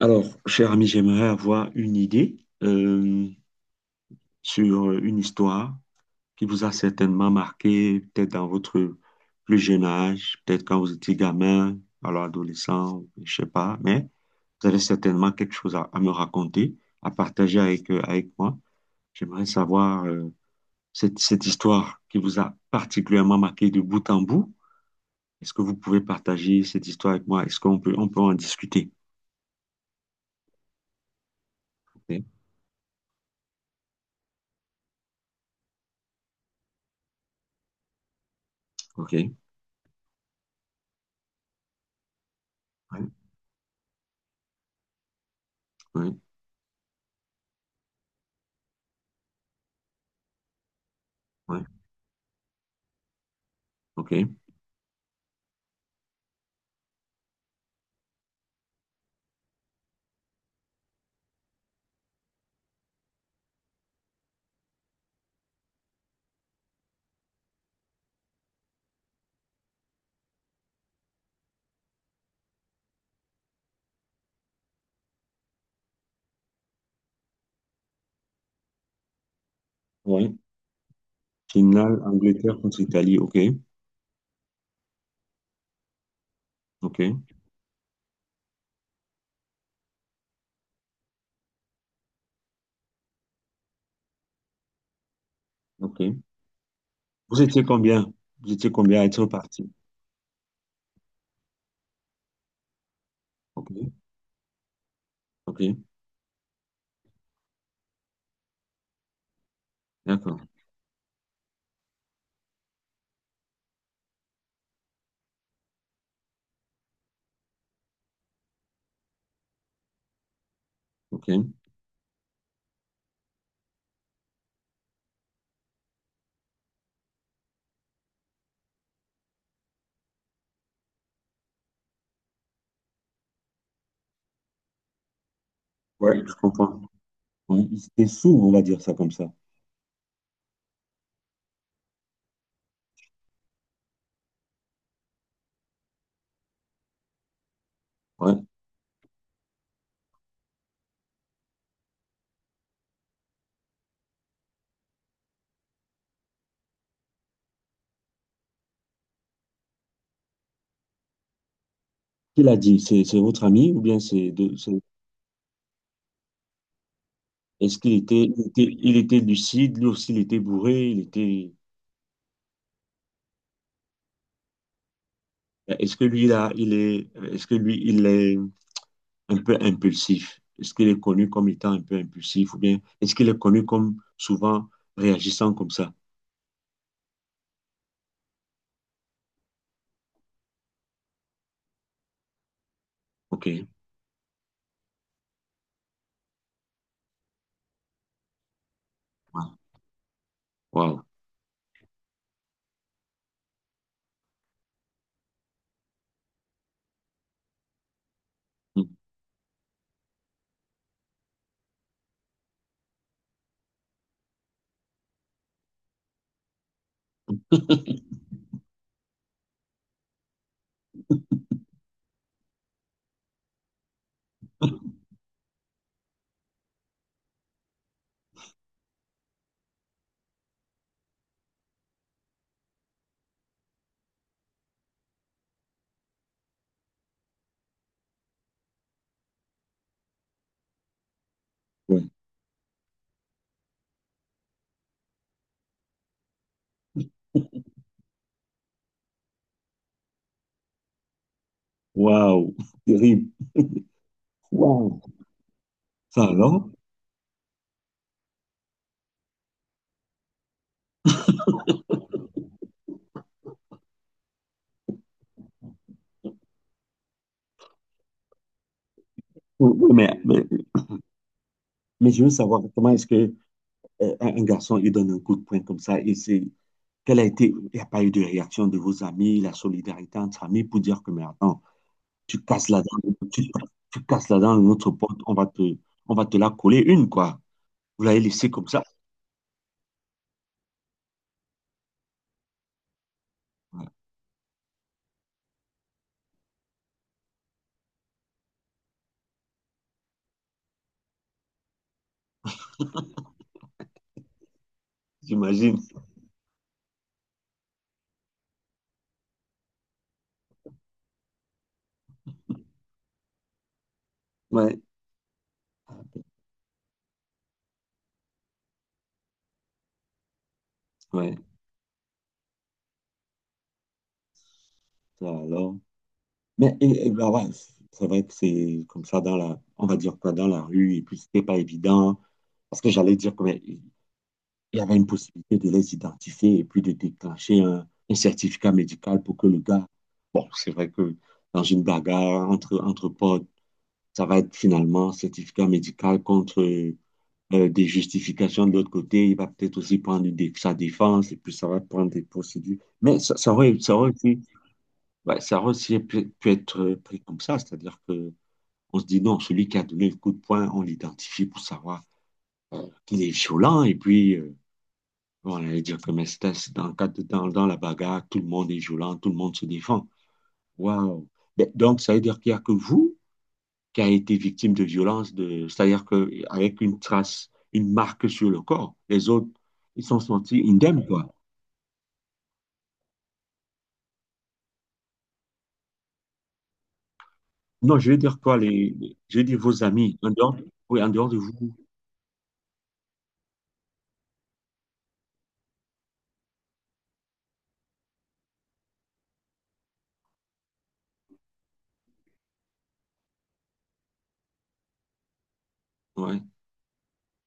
Alors, cher ami, j'aimerais avoir une idée euh, sur une histoire qui vous a certainement marqué, peut-être dans votre plus jeune âge, peut-être quand vous étiez gamin, alors adolescent, je sais pas, mais vous avez certainement quelque chose à me raconter, à partager avec, avec moi. J'aimerais savoir cette histoire qui vous a particulièrement marqué de bout en bout. Est-ce que vous pouvez partager cette histoire avec moi? Est-ce qu'on peut en discuter? Ok, ok, ouais, ouais, ouais, ok. Oui. Finale, Angleterre contre Italie. OK. OK. OK. Vous étiez combien? Vous étiez combien à être parti? OK. OK. D'accord. OK. Ouais, je comprends. Oui, il était sourd, on va dire ça comme ça. Ouais. Qui l'a dit? C'est votre ami ou bien c'est de c'est- Est-ce qu'il était, il était lucide, lui aussi il était bourré, il était est-ce que lui là, il est est-ce que lui il est un peu impulsif? Est-ce qu'il est connu comme étant un peu impulsif ou bien est-ce qu'il est connu comme souvent réagissant comme ça? OK. Waouh. Ouais. Waouh. Terrible. Waouh. Ça alors? Oui, oui, mais je veux savoir comment est-ce que un garçon il donne un coup de poing comme ça et c'est quelle a été, il n'y a pas eu de réaction de vos amis, la solidarité entre amis pour dire que mais attends, tu casses la dent, tu, tu casses la dent de notre pote, on va te la coller une quoi. Vous l'avez laissé comme ça. Ouais, j'imagine. Ouais, ouais. Ça alors. Mais et ben ouais, c- c'est vrai que c'est comme ça dans la, on va dire quoi, dans la rue, et puis c'était pas évident, parce que j'allais dire qu'il il y avait une possibilité de les identifier et puis de déclencher un certificat médical pour que le gars, bon, c'est vrai que dans une bagarre entre potes, ça va être finalement certificat médical contre des justifications de l'autre côté, il va peut-être aussi prendre une dé- sa défense, et puis ça va prendre des procédures. Mais ça, ça aurait aussi, ouais, ça aurait aussi pu être pris comme ça, c'est-à-dire que on se dit non, celui qui a donné le coup de poing, on l'identifie pour savoir qu'il est violent. Et puis, bon, on allait dire que Mestas, dans la bagarre, tout le monde est violent, tout le monde se défend. Waouh! Donc, ça veut dire qu'il n'y a que vous qui a été victime de violence, de, c'est-à-dire qu'avec une trace, une marque sur le corps, les autres, ils sont sentis indemnes, quoi. Non, je veux dire quoi, les- je veux dire vos amis, en dehors, oui, en dehors de vous. Ouais.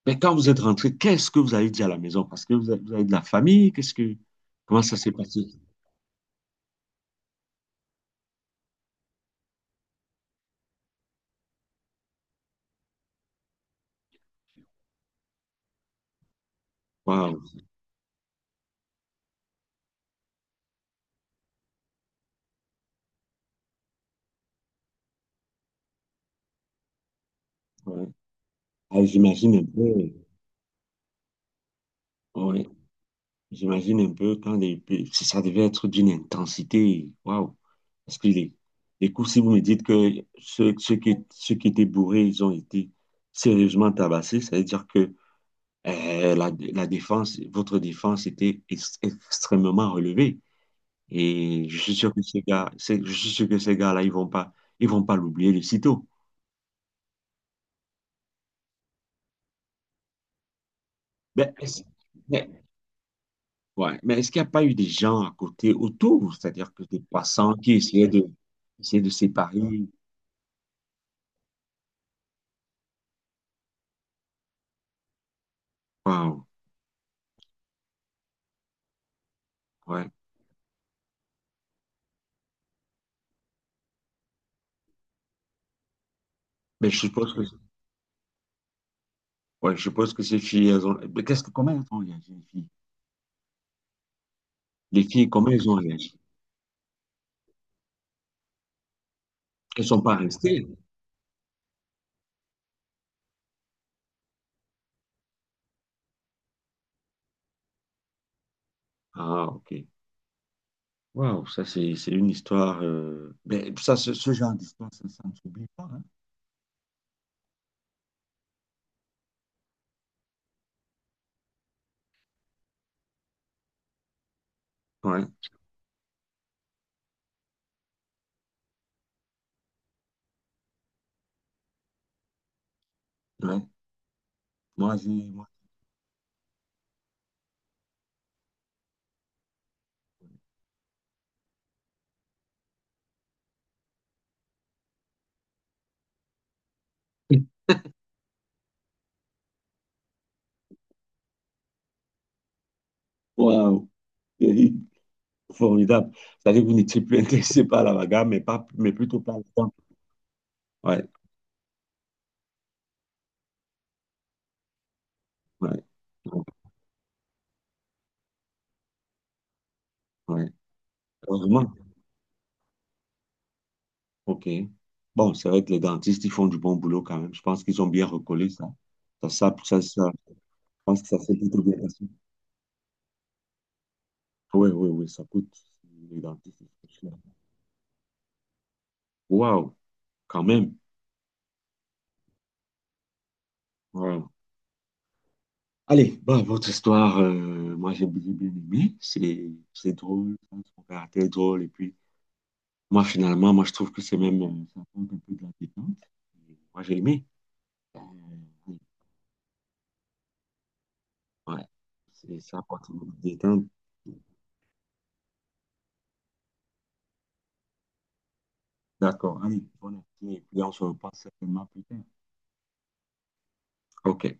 Mais quand vous êtes rentré, qu'est-ce que vous avez dit à la maison? Parce que vous avez de la famille, qu'est-ce que, comment ça s'est passé? Waouh, ouais. Ah, j'imagine un peu, ouais. J'imagine un peu quand les, si ça devait être d'une intensité, waouh. Parce que les coups, si vous me dites que ceux, ceux qui étaient bourrés, ils ont été sérieusement tabassés, ça veut dire que la, la défense, votre défense était ex- extrêmement relevée. Et je suis sûr que ces gars, c'est- je suis sûr que ces gars-là, ils vont pas l'oublier de sitôt. Mais est-ce, mais, ouais, mais est-ce qu'il n'y a pas eu des gens à côté, autour, c'est-à-dire que des passants qui essayaient de séparer? Waouh, ouais. Mais je suppose que, ouais, je suppose que ces filles, elles ont, mais qu'est-ce que, comment elles ont réagi, les filles? Les filles, comment elles ont réagi? Elles sont pas restées. Ah, ok. Waouh, ça, c'est une histoire, mais ça, ce genre d'histoire, ça ne s'oublie pas, hein? Ouais, ouais. Moi, j'ai, moi, Waouh, Eric, formidable. C'est-à-dire que vous n'étiez plus intéressé par la bagarre, mais, pas, mais plutôt par la dent. Ouais, ouais, ouais. Ouais. Heureusement. OK. Bon, c'est vrai que les dentistes, ils font du bon boulot quand même. Je pense qu'ils ont bien recollé ça. Ça- je pense que ça s'est plutôt bien passé. Oui, oui, oui, ça coûte. Les dentistes, ils sont chers. Waouh, quand même. Waouh. Allez, bah, votre histoire, moi j'ai bien aimé. C'est drôle, hein, son caractère est drôle et puis. Moi, finalement, moi, je trouve que c'est même, ça apporte un peu de la détente. Et moi, j'ai aimé. Euh, ouais, c'est, ça apporte une détente. D'accord. Allez, bonne appétit. Et puis, on se repasse certainement plus tard. OK.